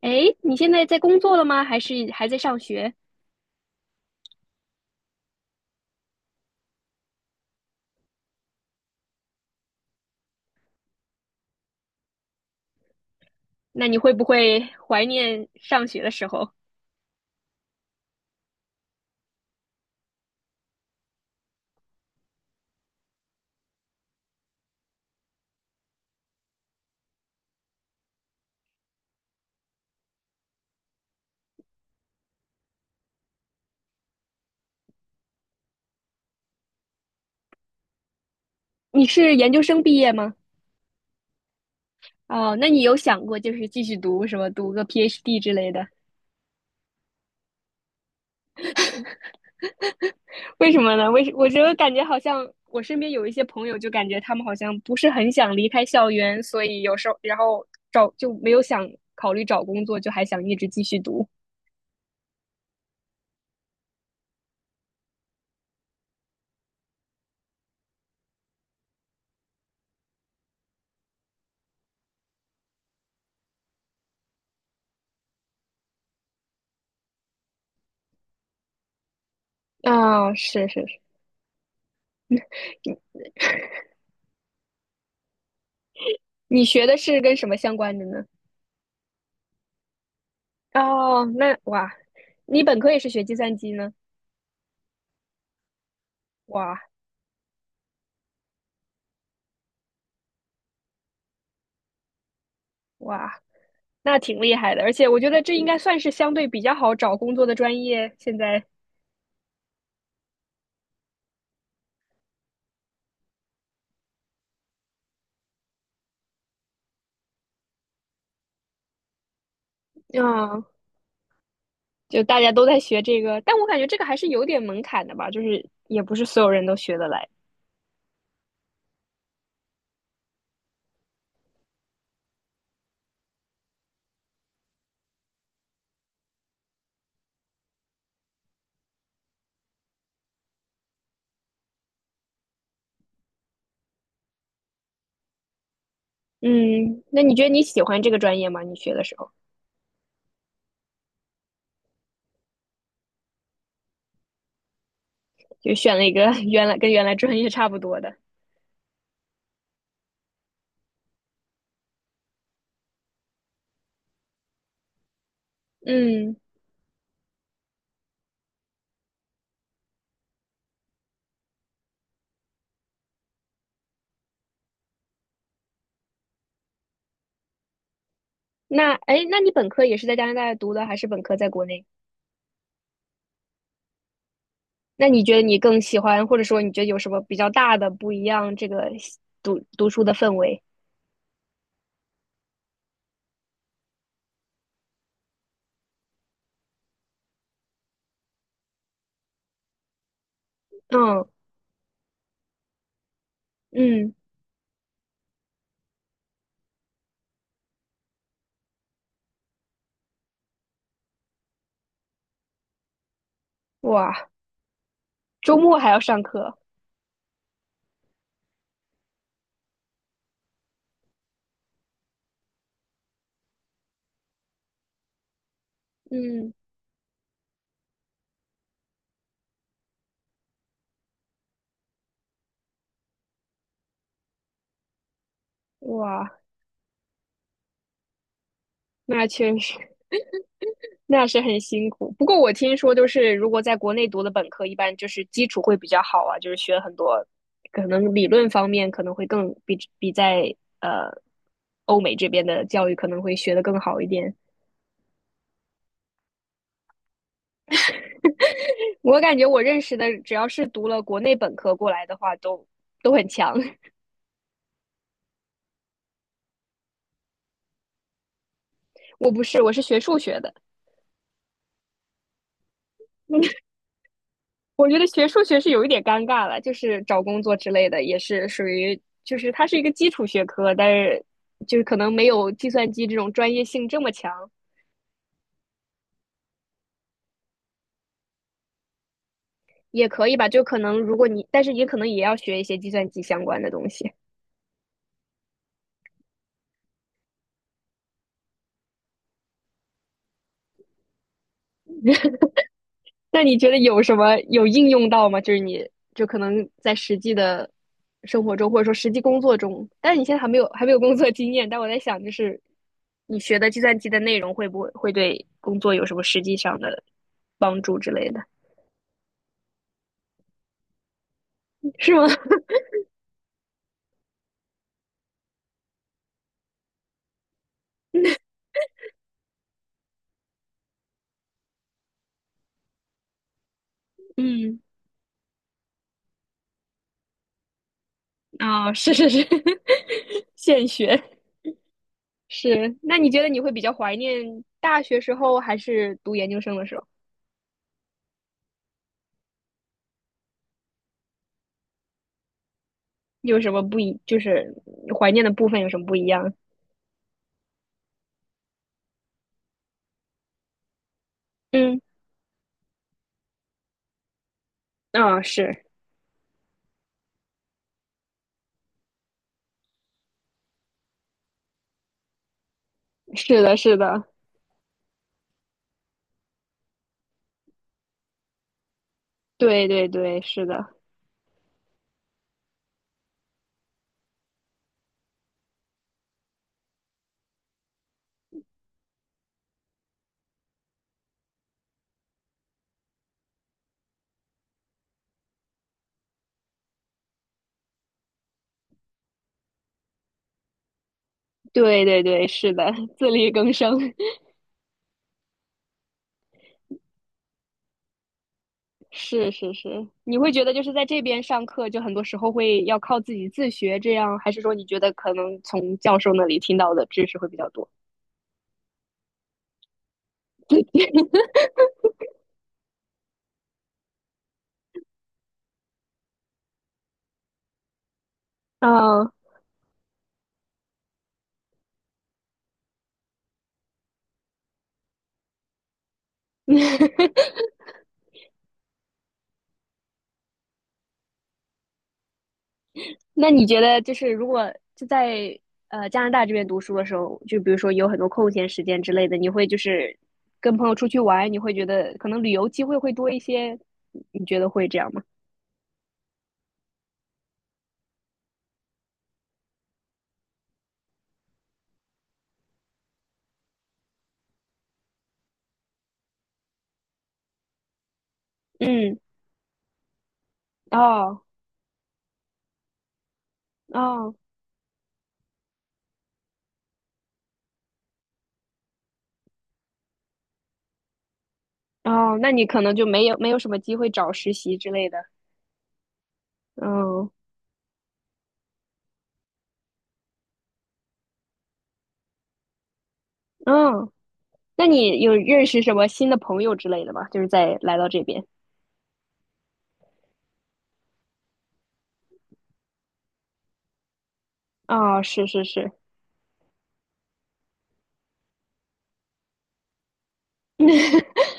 诶，你现在在工作了吗？还是还在上学？那你会不会怀念上学的时候？你是研究生毕业吗？哦，那你有想过就是继续读什么，读个 PhD 之类的？为什么呢？我觉得感觉好像我身边有一些朋友，就感觉他们好像不是很想离开校园，所以有时候然后找就没有想考虑找工作，就还想一直继续读。啊、是是是，你学的是跟什么相关的呢？哦，那哇，你本科也是学计算机呢？哇，哇，那挺厉害的，而且我觉得这应该算是相对比较好找工作的专业。现在，嗯，就大家都在学这个，但我感觉这个还是有点门槛的吧，就是也不是所有人都学得来。嗯，那你觉得你喜欢这个专业吗？你学的时候就选了一个 原来跟原来专业差不多的。嗯，那哎，那你本科也是在加拿大读的，还是本科在国内？那你觉得你更喜欢，或者说你觉得有什么比较大的不一样？这个读书的氛围？嗯嗯，哇。周末还要上课，嗯，哇，那确实那是很辛苦。不过我听说，就是如果在国内读的本科，一般就是基础会比较好啊，就是学很多，可能理论方面可能会更比在呃欧美这边的教育可能会学的更好一点。我感觉我认识的，只要是读了国内本科过来的话，都很强。我不是，我是学数学的，嗯我觉得学数学是有一点尴尬了，就是找工作之类的，也是属于就是它是一个基础学科，但是就是可能没有计算机这种专业性这么强，也可以吧。就可能如果你，但是也可能也要学一些计算机相关的东西。那你觉得有什么有应用到吗？就是你就可能在实际的生活中，或者说实际工作中，但是你现在还没有工作经验，但我在想，就是你学的计算机的内容会不会对工作有什么实际上的帮助之类的？是吗？嗯，啊，是是是，现学是。那你觉得你会比较怀念大学时候，还是读研究生的时候？有什么不一？就是怀念的部分有什么不一样？嗯，啊、是是的，是的，对对对，是的，对对对，是的，自力更生，是是是。你会觉得就是在这边上课，就很多时候会要靠自己自学，这样，还是说你觉得可能从教授那里听到的知识会比较多？啊、那你觉得，就是如果就在加拿大这边读书的时候，就比如说有很多空闲时间之类的，你会就是跟朋友出去玩，你会觉得可能旅游机会会多一些，你觉得会这样吗？嗯，哦哦哦，那你可能就没有什么机会找实习之类的。嗯嗯，那你有认识什么新的朋友之类的吗？就是在来到这边。哦，是是是，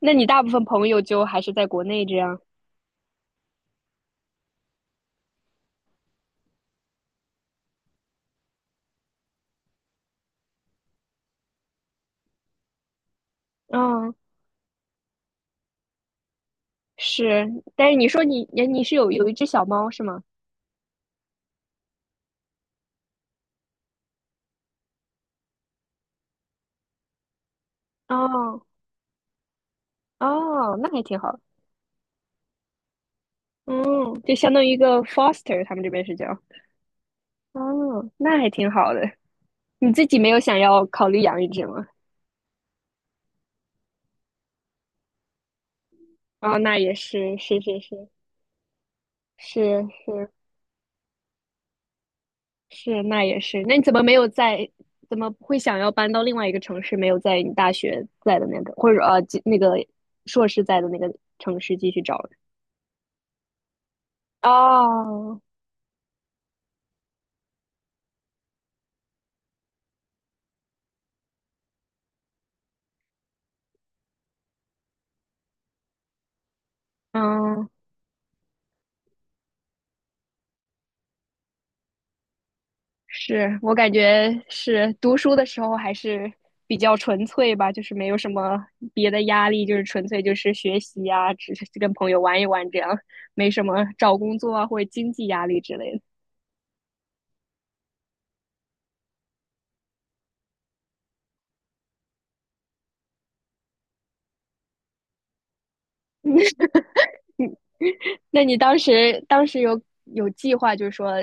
那你大部分朋友就还是在国内这样。嗯。是，但是你说你是有一只小猫是吗？哦哦，那还挺好。嗯，就相当于一个 foster，他们这边是叫。哦，那还挺好的。你自己没有想要考虑养一只吗？哦，那也是，是是是是是是，那也是。那你怎么没有在？怎么会想要搬到另外一个城市？没有在你大学在的那个，或者，那个硕士在的那个城市继续找呢哦，嗯，是我感觉是读书的时候还是比较纯粹吧，就是没有什么别的压力，就是纯粹就是学习啊，只是跟朋友玩一玩这样，没什么找工作啊或者经济压力之类的。那你当时有计划，就是说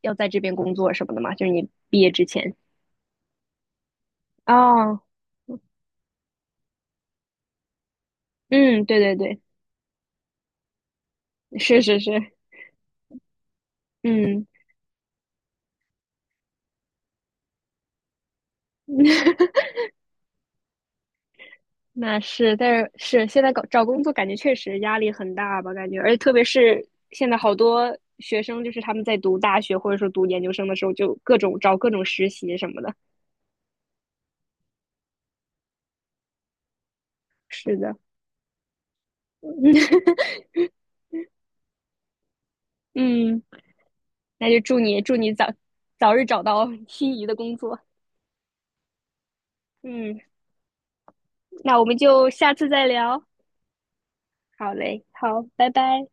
要在这边工作什么的吗？就是你毕业之前。哦，嗯，对对对，是是是，嗯。那是，但是现在搞找工作，感觉确实压力很大吧？感觉，而且特别是现在好多学生，就是他们在读大学或者说读研究生的时候，就各种找各种实习什么的。是的，嗯，那就祝你早日找到 心仪的工作。嗯，那我们就下次再聊。好嘞，好，拜拜。